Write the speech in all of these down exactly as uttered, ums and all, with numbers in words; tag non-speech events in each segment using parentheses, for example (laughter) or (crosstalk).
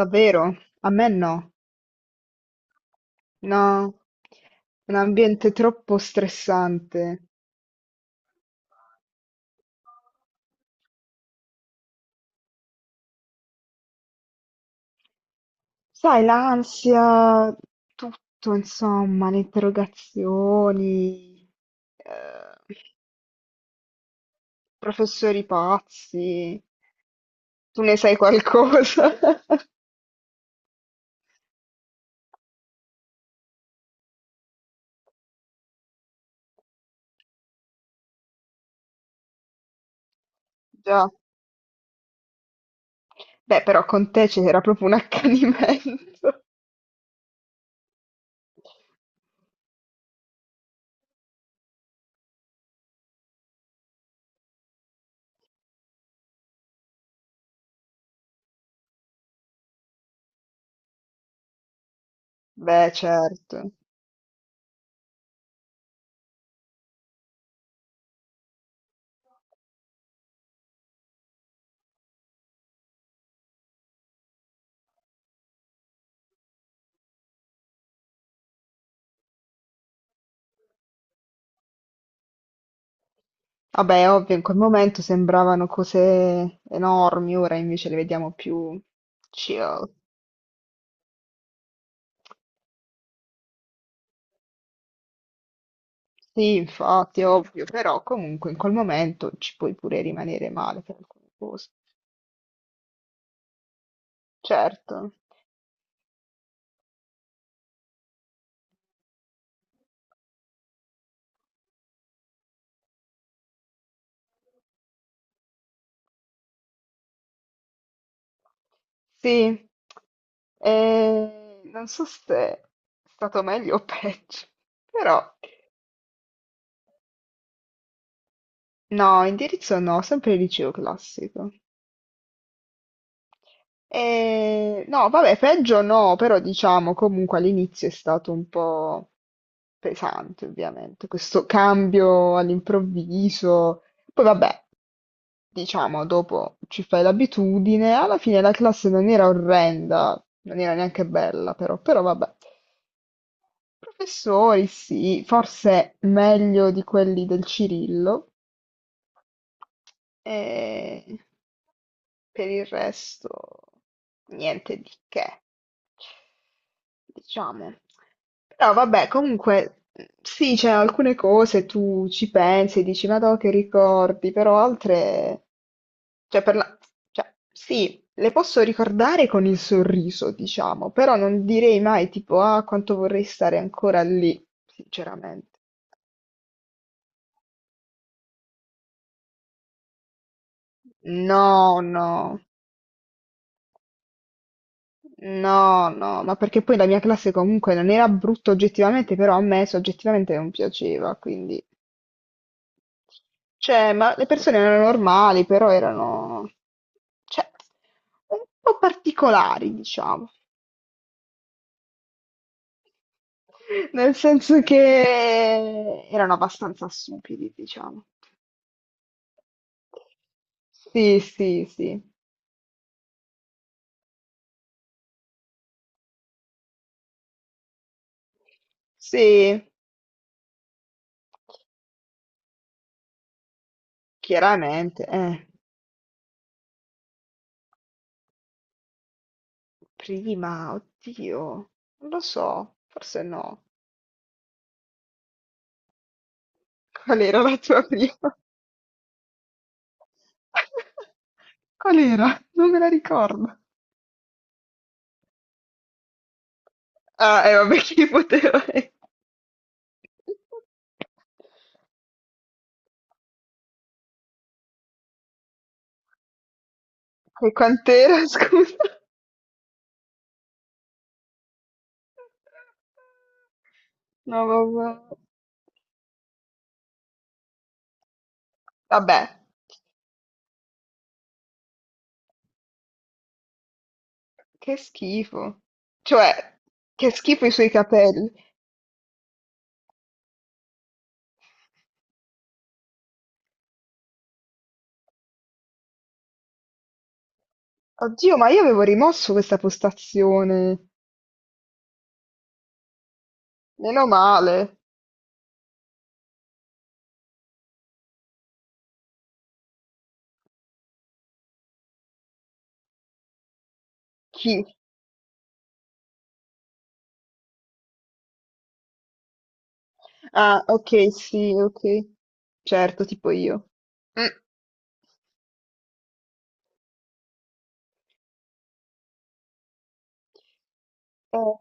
Davvero? A me no. No, un ambiente troppo stressante. Sai, l'ansia, tutto, insomma, le interrogazioni, eh, professori pazzi. Tu ne sai qualcosa? (laughs) Già. Beh, però con te c'era proprio un accanimento. (laughs) Beh, certo. Vabbè, è ovvio, in quel momento sembravano cose enormi, ora invece le vediamo più chill. Sì, infatti, ovvio, però comunque in quel momento ci puoi pure rimanere male per alcune cose. Certo, sì. E non so se è stato meglio o peggio, però no, indirizzo no, sempre liceo classico. Eh, no, vabbè, peggio no, però diciamo comunque all'inizio è stato un po' pesante, ovviamente, questo cambio all'improvviso. Poi vabbè, diciamo, dopo ci fai l'abitudine. Alla fine la classe non era orrenda, non era neanche bella, però, però vabbè. Professori, sì, forse meglio di quelli del Cirillo, e per il resto niente di che, diciamo. Però vabbè, comunque sì, c'è alcune cose tu ci pensi, e dici, ma no, che ricordi, però altre, cioè, per la... cioè sì, le posso ricordare con il sorriso, diciamo, però non direi mai tipo, ah, quanto vorrei stare ancora lì, sinceramente. No, no. No, no, ma perché poi la mia classe comunque non era brutta oggettivamente, però a me soggettivamente non piaceva, quindi... Cioè, ma le persone erano normali, però erano... cioè, un po' particolari, diciamo. (laughs) Nel senso che erano abbastanza stupidi, diciamo. Sì, sì, sì. Sì, chiaramente. Eh. Prima, oddio, non lo so, forse no. Qual era la tua prima? Qual era? Non me la ricordo. Ah, eh, vabbè, chi poteva (laughs) essere? E quant'era, (laughs) scusa? No, vabbè. Vabbè, che schifo. Cioè, che schifo i suoi capelli. Oddio, ma io avevo rimosso questa postazione. Meno male. Chi? Ah, ok, sì, ok. Certo, tipo io. Mm. Eh.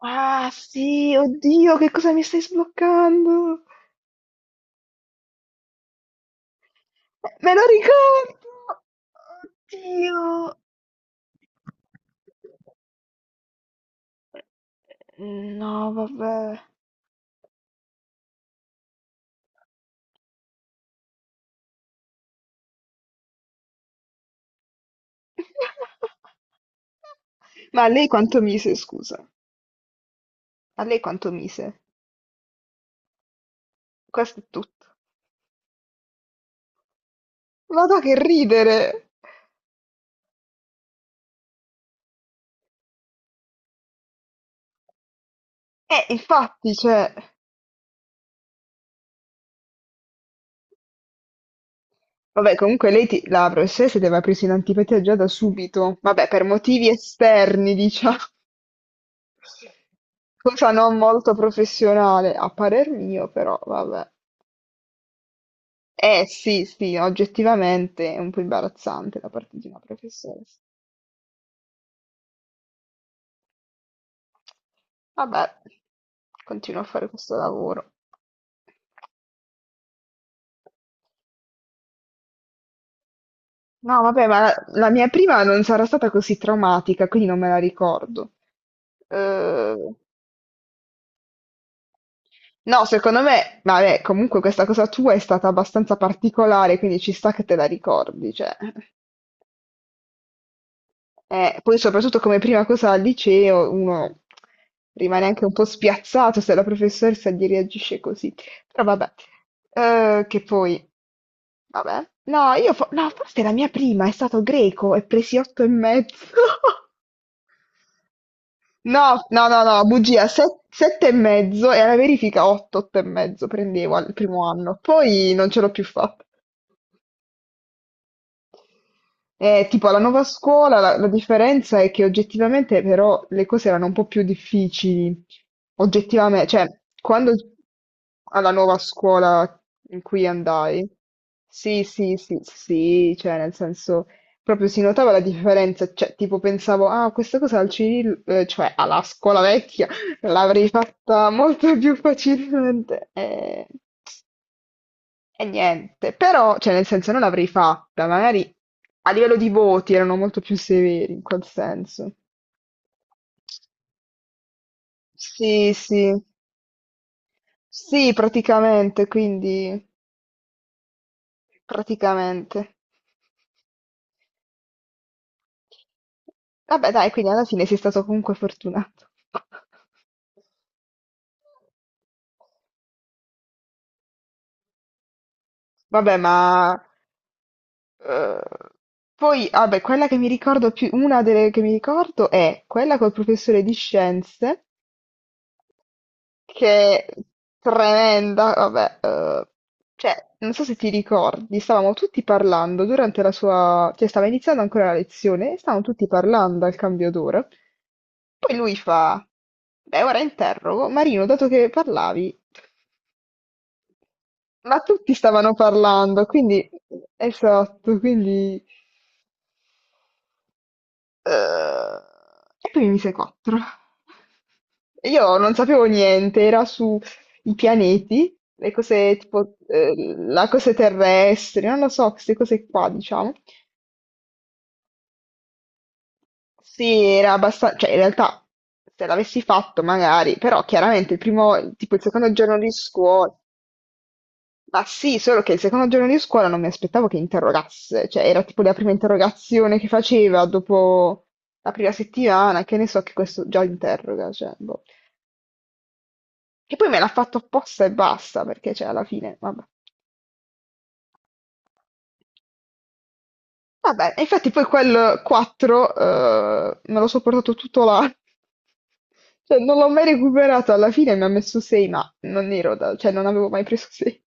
Ah, sì, oddio, che cosa mi stai sbloccando? Me lo ricordo! Oddio! No, vabbè. (laughs) Ma a lei quanto mise, scusa? A lei quanto mise? Questo è tutto. Vado che ridere! Eh, infatti, cioè... Vabbè, comunque lei, ti- la professoressa ti aveva preso in antipatia già da subito. Vabbè, per motivi esterni, diciamo. Cosa non molto professionale, a parer mio, però vabbè. Eh sì, sì, oggettivamente è un po' imbarazzante da parte di una professoressa. Vabbè, continuo a fare questo lavoro. No, vabbè, ma la, la mia prima non sarà stata così traumatica, quindi non me la ricordo. Eh, no, secondo me, vabbè, comunque questa cosa tua è stata abbastanza particolare, quindi ci sta che te la ricordi, cioè. Eh, poi soprattutto come prima cosa al liceo uno rimane anche un po' spiazzato se la professoressa gli reagisce così. Però vabbè, eh, che poi, vabbè. No, io fo- no, forse la mia prima è stato greco e presi otto e mezzo. (laughs) No, no, no, no, bugia, se- sette e mezzo e alla verifica otto, otto e mezzo prendevo al primo anno. Poi non ce l'ho più fatta. Eh, tipo alla nuova scuola la, la differenza è che oggettivamente però le cose erano un po' più difficili, oggettivamente, cioè quando alla nuova scuola in cui andai, sì, sì, sì, sì, cioè nel senso proprio si notava la differenza, cioè tipo pensavo, ah, questa cosa al Cirillo, eh, cioè alla scuola vecchia, (laughs) l'avrei fatta molto più facilmente. Eh, e niente, però, cioè nel senso non l'avrei fatta, magari a livello di voti erano molto più severi in quel senso. Sì, sì, sì, praticamente, quindi praticamente. Vabbè, dai, quindi alla fine sei stato comunque fortunato. (laughs) Vabbè, ma eh, poi, vabbè, quella che mi ricordo più, una delle che mi ricordo è quella col professore di scienze che è tremenda, vabbè, eh, cioè, non so se ti ricordi, stavamo tutti parlando durante la sua, cioè stava iniziando ancora la lezione e stavamo tutti parlando al cambio d'ora. Poi lui fa, beh, ora interrogo, Marino, dato che parlavi, ma tutti stavano parlando, quindi, esatto, quindi eh, e poi mi mise quattro. (laughs) Io non sapevo niente, era su i pianeti, le cose tipo, eh, la cose terrestri, non lo so, queste cose qua, diciamo. Sì, era abbastanza, cioè in realtà se l'avessi fatto magari, però chiaramente il primo, tipo il secondo giorno di scuola, ma sì, solo che il secondo giorno di scuola non mi aspettavo che interrogasse, cioè era tipo la prima interrogazione che faceva dopo la prima settimana, che ne so che questo già interroga, cioè, boh. Che poi me l'ha fatto apposta e basta, perché cioè alla fine, vabbè. Vabbè, e infatti poi quel quattro eh, me lo so portato tutto l'anno. (laughs) Cioè, non l'ho mai recuperato, alla fine mi ha messo sei, ma non ero da- cioè non avevo mai preso sei.